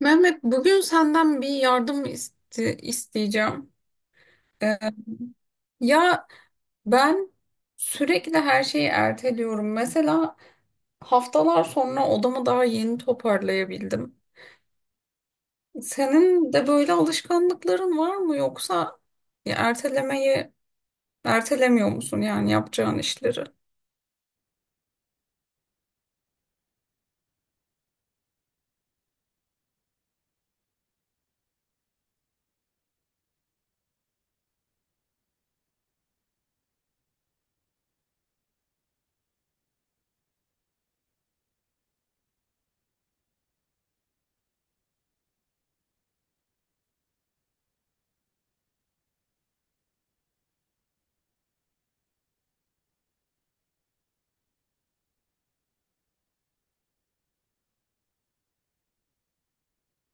Mehmet, bugün senden bir yardım isteyeceğim. Ee, ya ben sürekli her şeyi erteliyorum. Mesela haftalar sonra odamı daha yeni toparlayabildim. Senin de böyle alışkanlıkların var mı, yoksa ya ertelemeyi ertelemiyor musun yani yapacağın işleri?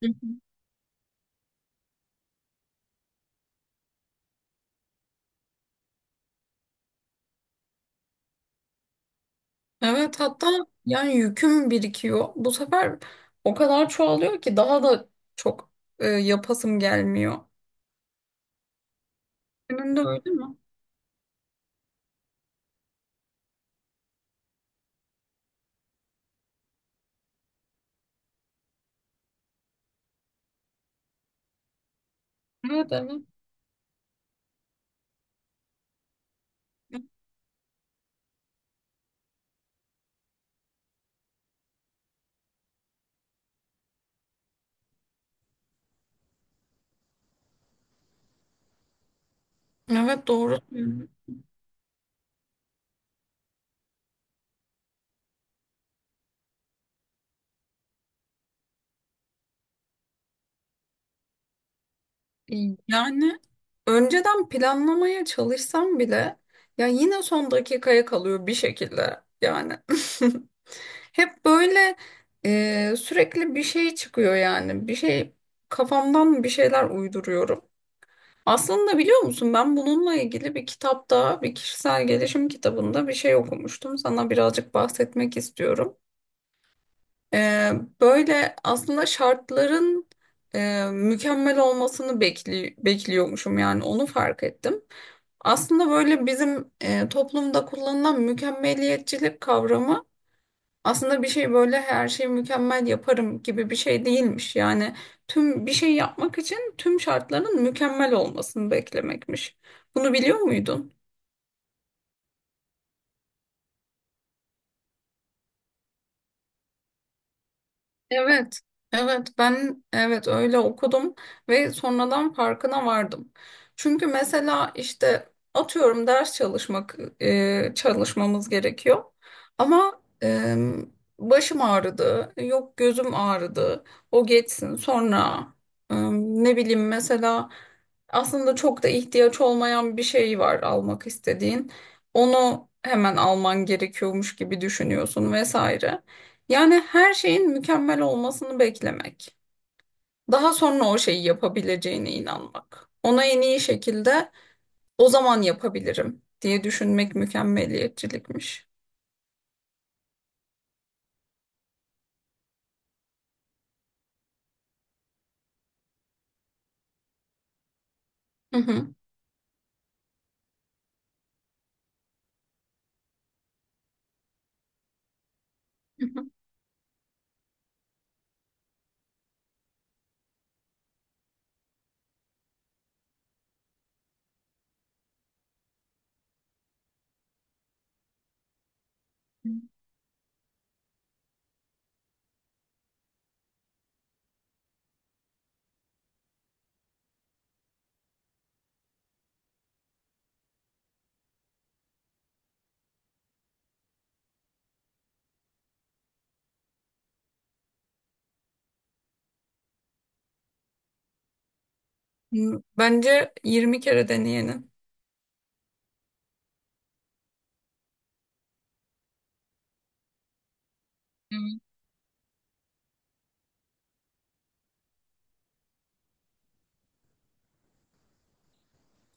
Hı hı. Evet, hatta yani yüküm birikiyor. Bu sefer o kadar çoğalıyor ki daha da çok yapasım gelmiyor. Senin de öyle mi? Evet, evet. Evet, doğru diyorsun. Yani önceden planlamaya çalışsam bile ya yine son dakikaya kalıyor bir şekilde yani. Hep böyle sürekli bir şey çıkıyor yani. Bir şey, kafamdan bir şeyler uyduruyorum. Aslında biliyor musun, ben bununla ilgili bir kitapta, bir kişisel gelişim kitabında bir şey okumuştum. Sana birazcık bahsetmek istiyorum. Ee, böyle aslında şartların mükemmel olmasını bekliyormuşum, yani onu fark ettim. Aslında böyle bizim toplumda kullanılan mükemmeliyetçilik kavramı aslında bir şey, böyle her şeyi mükemmel yaparım gibi bir şey değilmiş. Yani tüm bir şey yapmak için tüm şartların mükemmel olmasını beklemekmiş. Bunu biliyor muydun? Evet, evet ben evet öyle okudum ve sonradan farkına vardım. Çünkü mesela işte atıyorum, ders çalışmak, çalışmamız gerekiyor ama başım ağrıdı, yok gözüm ağrıdı, o geçsin sonra, ne bileyim, mesela aslında çok da ihtiyaç olmayan bir şey var almak istediğin. Onu hemen alman gerekiyormuş gibi düşünüyorsun vesaire. Yani her şeyin mükemmel olmasını beklemek. Daha sonra o şeyi yapabileceğine inanmak. Ona en iyi şekilde o zaman yapabilirim diye düşünmek mükemmeliyetçilikmiş. Hı hı. Hı hı. Hmm, bence 20 kere deneyenin.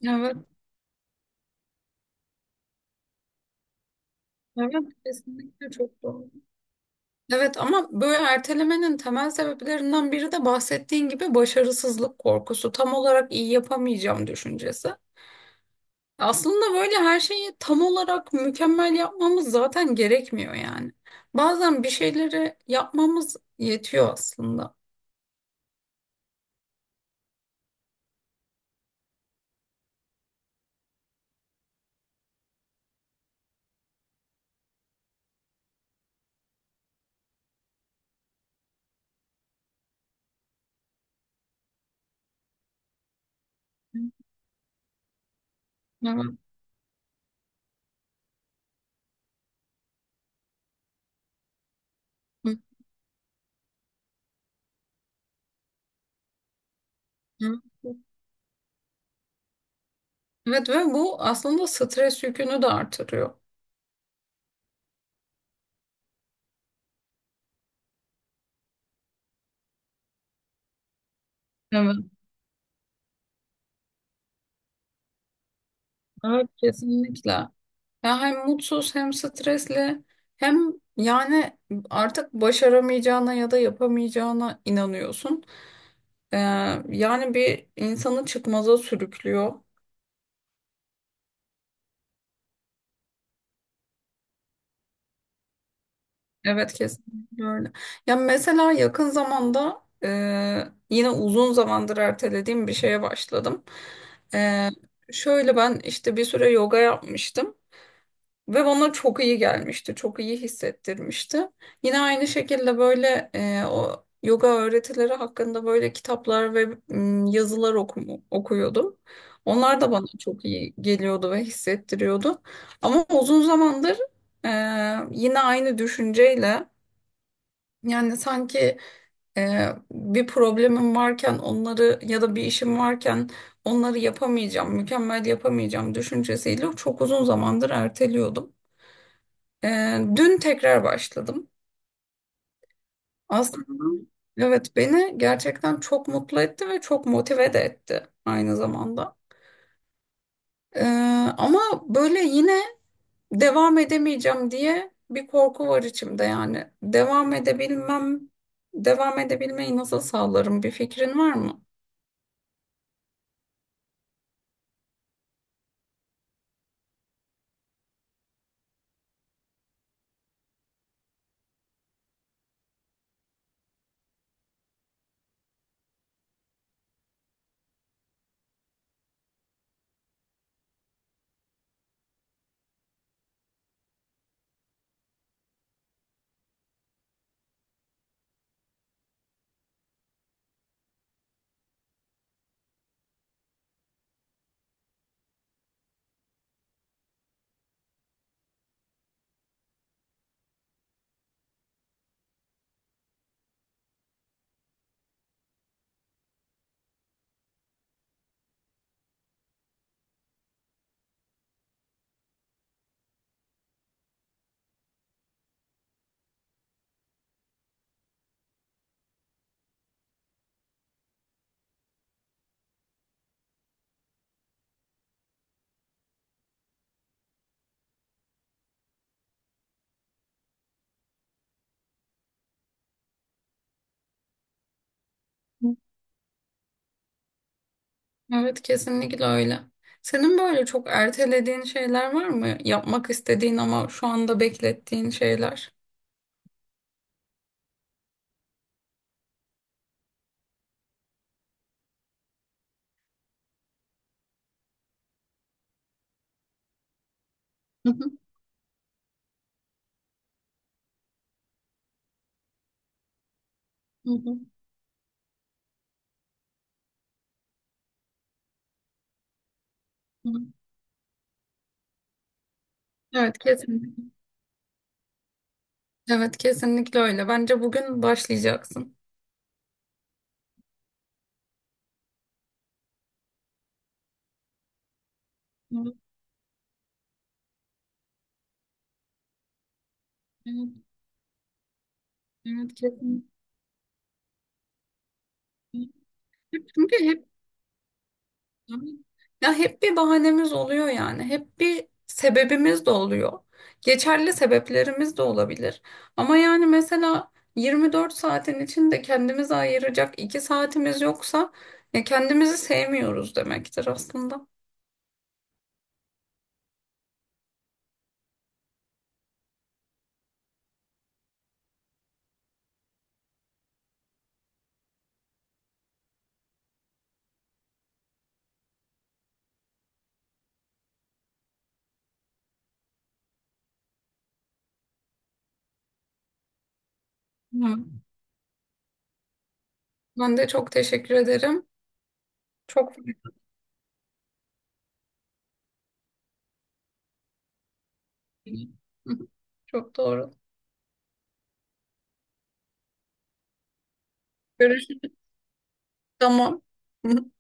Evet, evet evet, kesinlikle çok doğru. Evet, ama böyle ertelemenin temel sebeplerinden biri de bahsettiğin gibi başarısızlık korkusu. Tam olarak iyi yapamayacağım düşüncesi. Aslında böyle her şeyi tam olarak mükemmel yapmamız zaten gerekmiyor yani. Bazen bir şeyleri yapmamız yetiyor aslında. Evet. Hı hı. Evet, ve bu aslında stres yükünü de artırıyor. Evet. Evet, kesinlikle. Ya hem mutsuz, hem stresli, hem yani artık başaramayacağına ya da yapamayacağına inanıyorsun. Ee, yani bir insanı çıkmaza sürüklüyor. Evet, kesinlikle öyle. Ya mesela yakın zamanda yine uzun zamandır ertelediğim bir şeye başladım. E, şöyle ben işte bir süre yoga yapmıştım ve bana çok iyi gelmişti, çok iyi hissettirmişti. Yine aynı şekilde böyle o yoga öğretileri hakkında böyle kitaplar ve okuyordum. Onlar da bana çok iyi geliyordu ve hissettiriyordu. Ama uzun zamandır e, yine aynı düşünceyle, yani sanki bir problemim varken onları ya da bir işim varken onları yapamayacağım, mükemmel yapamayacağım düşüncesiyle çok uzun zamandır erteliyordum. E, dün tekrar başladım. Aslında evet, beni gerçekten çok mutlu etti ve çok motive de etti aynı zamanda. E, ama böyle yine devam edemeyeceğim diye bir korku var içimde yani. Devam edebilmem, devam edebilmeyi nasıl sağlarım, bir fikrin var mı? Evet, kesinlikle öyle. Senin böyle çok ertelediğin şeyler var mı? Yapmak istediğin ama şu anda beklettiğin şeyler. Hı hı, hı hı, hı. Evet, kesinlikle. Evet, kesinlikle öyle. Bence bugün başlayacaksın. Evet, evet, evet kesinlikle. Çünkü hep, ya hep bir bahanemiz oluyor yani. Hep bir sebebimiz de oluyor. Geçerli sebeplerimiz de olabilir. Ama yani mesela 24 saatin içinde kendimize ayıracak 2 saatimiz yoksa ya kendimizi sevmiyoruz demektir aslında. Hı. Ben de çok teşekkür ederim. Çok hı çok doğru. Görüşürüz. Tamam.